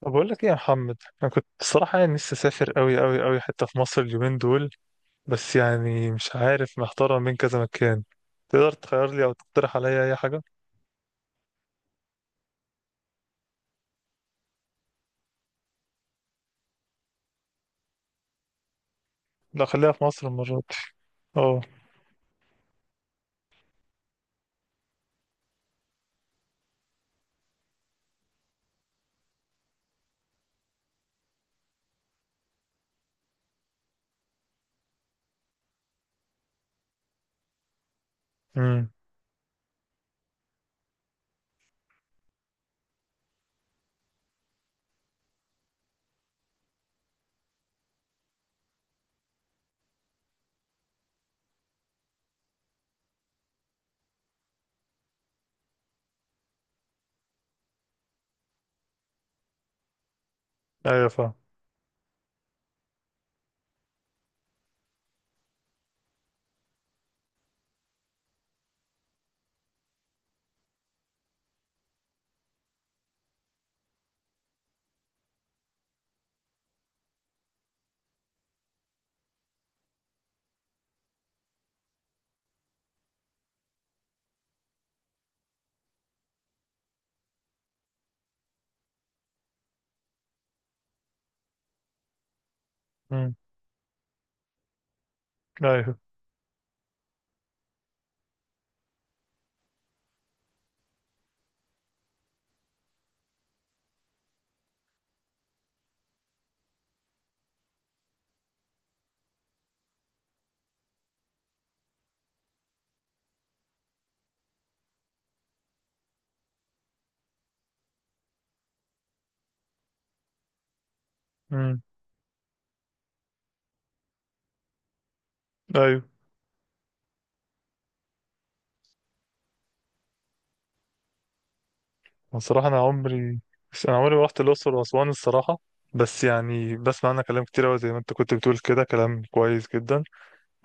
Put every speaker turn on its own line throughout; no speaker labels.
طب، بقول لك ايه يا محمد؟ انا كنت الصراحه يعني نفسي اسافر قوي قوي قوي حته في مصر اليومين دول. بس يعني مش عارف، محتار بين كذا مكان. تقدر تخير لي او تقترح عليا اي حاجه؟ لا، خليها في مصر المره دي. اه. امم. ايوه، فاهم. امم. ايوه. امم. ايوه. الصراحه انا عمري، بس انا عمري ما رحت الاقصر واسوان الصراحه. بس يعني بسمع عنها كلام كتير قوي زي ما انت كنت بتقول كده، كلام كويس جدا.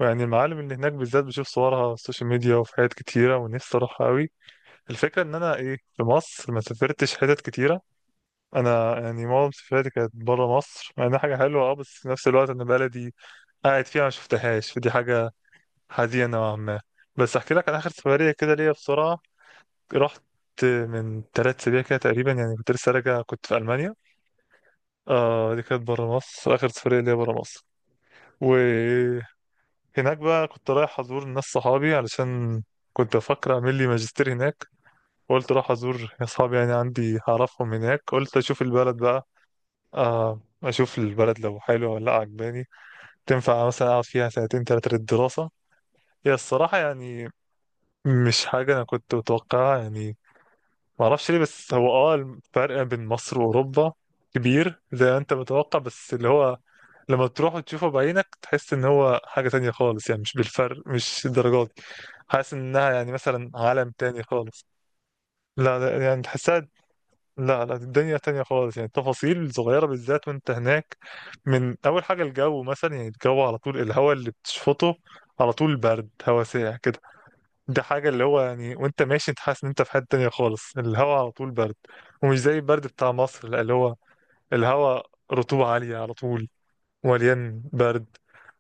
ويعني المعالم اللي هناك بالذات بشوف صورها على السوشيال ميديا وفي حاجات كتيره، ونفسي اروحها قوي. الفكرة إن أنا إيه، في مصر ما سافرتش حتت كتيرة. أنا يعني معظم سفرياتي كانت برا مصر، مع إنها حاجة حلوة. أه بس في نفس الوقت أنا بلدي قاعد فيها ما شفتهاش، فدي حاجة حزينة نوعا ما. بس أحكي لك عن آخر سفرية كده ليا بسرعة. رحت من 3 أسابيع كده تقريبا، يعني كنت لسه راجع، كنت في ألمانيا. دي كانت برا مصر، آخر سفرية ليا برا مصر. وهناك بقى كنت رايح أزور ناس صحابي علشان كنت بفكر أعمل لي ماجستير هناك. قلت اروح ازور اصحابي، يعني عندي هعرفهم هناك، قلت اشوف البلد بقى. اشوف البلد لو حلوه ولا لا عجباني، تنفع مثلا اقعد فيها سنتين تلاتة للدراسه. هي الصراحه يعني مش حاجه انا كنت متوقعها يعني. ما اعرفش ليه، بس هو الفرق بين مصر واوروبا كبير زي ما انت متوقع، بس اللي هو لما تروح وتشوفه بعينك تحس ان هو حاجه تانية خالص، يعني مش بالفرق، مش الدرجات دي. حاسس انها يعني مثلا عالم تاني خالص. لا لا، يعني تحسها. لا لا، الدنيا تانية خالص، يعني التفاصيل صغيرة بالذات وانت هناك. من أول حاجة الجو مثلا، يعني الجو على طول، الهواء اللي بتشفطه على طول برد، هواء ساقع كده. ده حاجة اللي هو يعني وانت ماشي انت حاسس ان انت في حتة تانية خالص، الهواء على طول برد. ومش زي البرد بتاع مصر، لا، اللي هو الهواء رطوبة عالية على طول، مليان برد.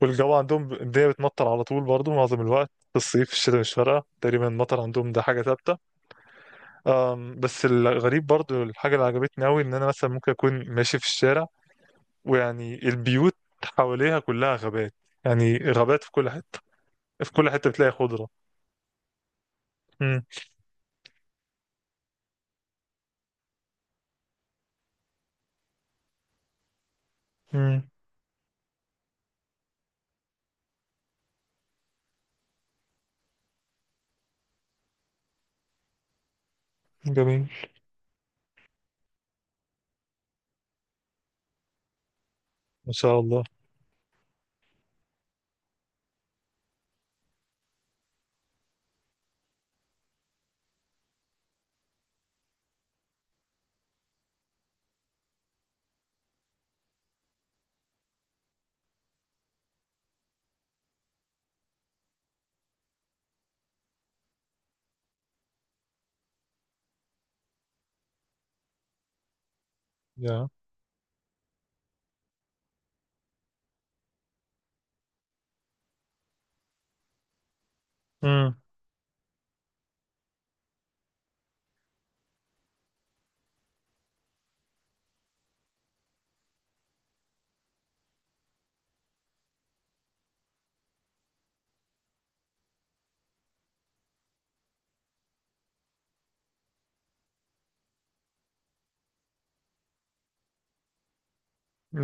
والجو عندهم الدنيا بتمطر على طول برضه، معظم الوقت، في الصيف في الشتاء مش فارقة تقريبا، المطر عندهم ده حاجة ثابتة. بس الغريب برضو الحاجة اللي عجبتني أوي إن أنا مثلا ممكن أكون ماشي في الشارع، ويعني البيوت حواليها كلها غابات، يعني غابات في كل حتة، في كل حتة بتلاقي خضرة. مم. مم. جميل، ما شاء الله يا. مم.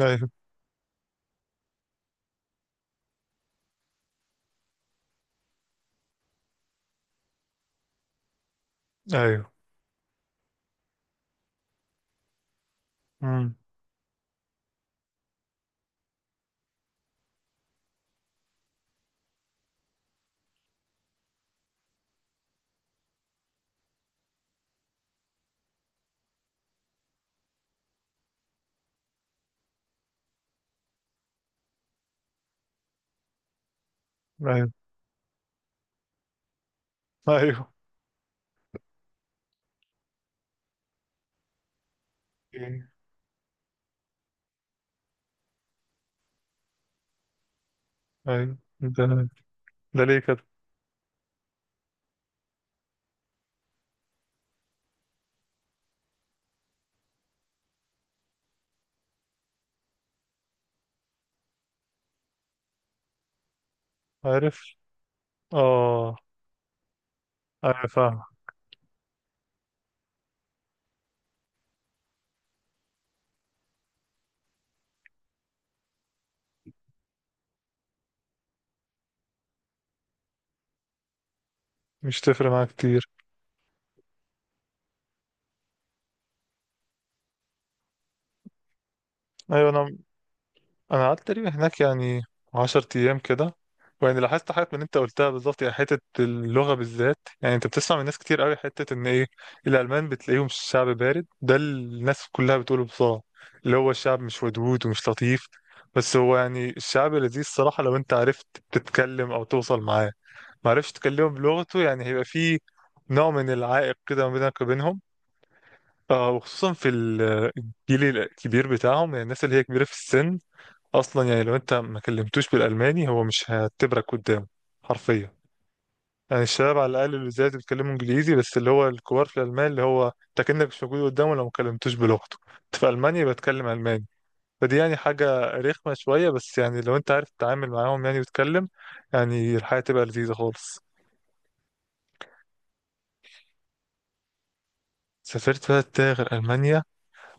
أيوه، أيوه. مم. أيوه، أيوه. أيوه، ده ليه كده؟ عارف. آه. أيوه، فاهم. مش تفرق معايا كتير. أيوه أنا، انا قعدت تقريبا هناك يعني 10 ايام كده. ويعني لاحظت حاجات من اللي انت قلتها بالظبط، يعني حته اللغه بالذات، يعني انت بتسمع من ناس كتير قوي حته ان ايه، الالمان بتلاقيهم شعب بارد، ده اللي الناس كلها بتقوله بصراحه، اللي هو الشعب مش ودود ومش لطيف. بس هو يعني الشعب لذيذ الصراحه لو انت عرفت تتكلم او توصل معاه. ما عرفتش تكلمه بلغته يعني هيبقى فيه نوع من العائق كده ما بينك وبينهم. وخصوصا في الجيل الكبير بتاعهم، يعني الناس اللي هي كبيرة في السن اصلا، يعني لو انت ما كلمتوش بالالماني هو مش هيعتبرك قدامه حرفيا. يعني الشباب على الاقل اللي زيادة بيتكلموا انجليزي، بس اللي هو الكبار في الالمان، اللي هو انت كأنك مش موجود قدامه لو ما كلمتوش بلغته. انت في المانيا بتكلم الماني. فدي يعني حاجة رخمة شوية، بس يعني لو انت عارف تتعامل معاهم يعني وتتكلم، يعني الحياة تبقى لذيذة خالص. سافرت بلد تاني غير ألمانيا.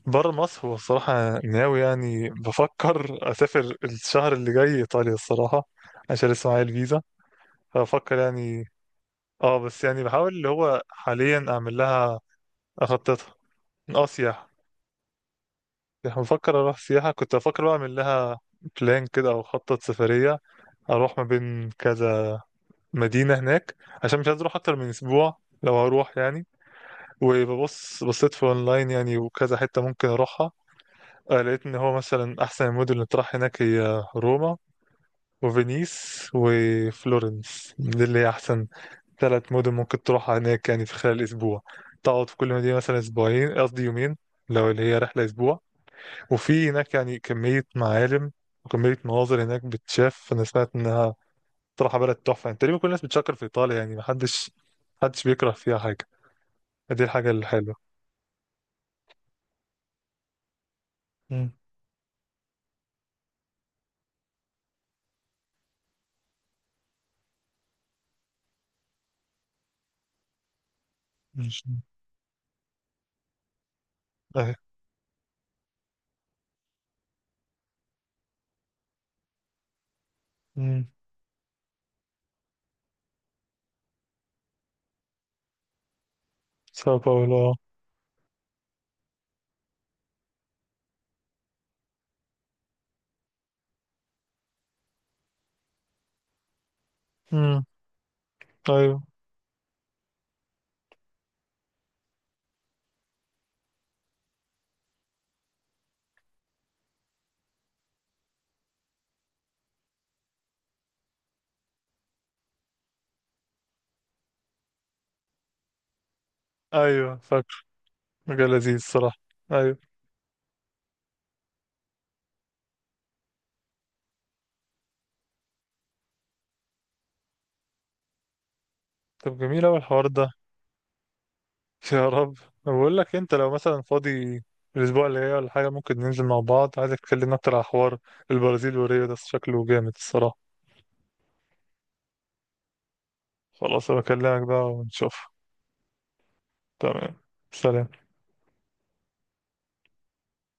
بره مصر، هو الصراحة أنا ناوي يعني بفكر أسافر الشهر اللي جاي إيطاليا الصراحة، عشان لسه معايا الفيزا. فأفكر يعني. اه. بس يعني بحاول اللي هو حاليا اعمل لها، اخططها. اه، سياحة. يعني بفكر اروح سياحة، كنت بفكر بقى اعمل لها بلان كده او اخطط سفرية، اروح ما بين كذا مدينة هناك، عشان مش عايز اروح اكتر من اسبوع لو هروح يعني. وببص، بصيت في اونلاين يعني، وكذا حتة ممكن اروحها. لقيت ان هو مثلا احسن المدن اللي تروح هناك هي روما وفينيس وفلورنس، دي اللي هي احسن 3 مدن ممكن تروحها هناك يعني في خلال اسبوع. تقعد في كل مدينة مثلا اسبوعين، قصدي يومين، لو اللي هي رحلة اسبوع. وفي هناك يعني كمية معالم وكمية مناظر هناك بتشاف. انا سمعت انها صراحة بلد تحفة، يعني تقريبا كل الناس بتشكر في ايطاليا، يعني محدش بيكره فيها حاجة. دي الحاجة الحلوة. مم. مش- اهي. مم. ساو باولو، اه. أمم، ايوه، ايوه، فاكر. مجال لذيذ الصراحة. ايوه. طب جميل اوي الحوار ده. يا رب. أنا بقول لك انت لو مثلا فاضي الاسبوع اللي جاي ولا حاجه، ممكن ننزل مع بعض، عايزك تكلمنا اكتر على حوار البرازيل وريو، ده شكله جامد الصراحه. خلاص، انا بكلمك بقى ونشوف. تمام. سلام.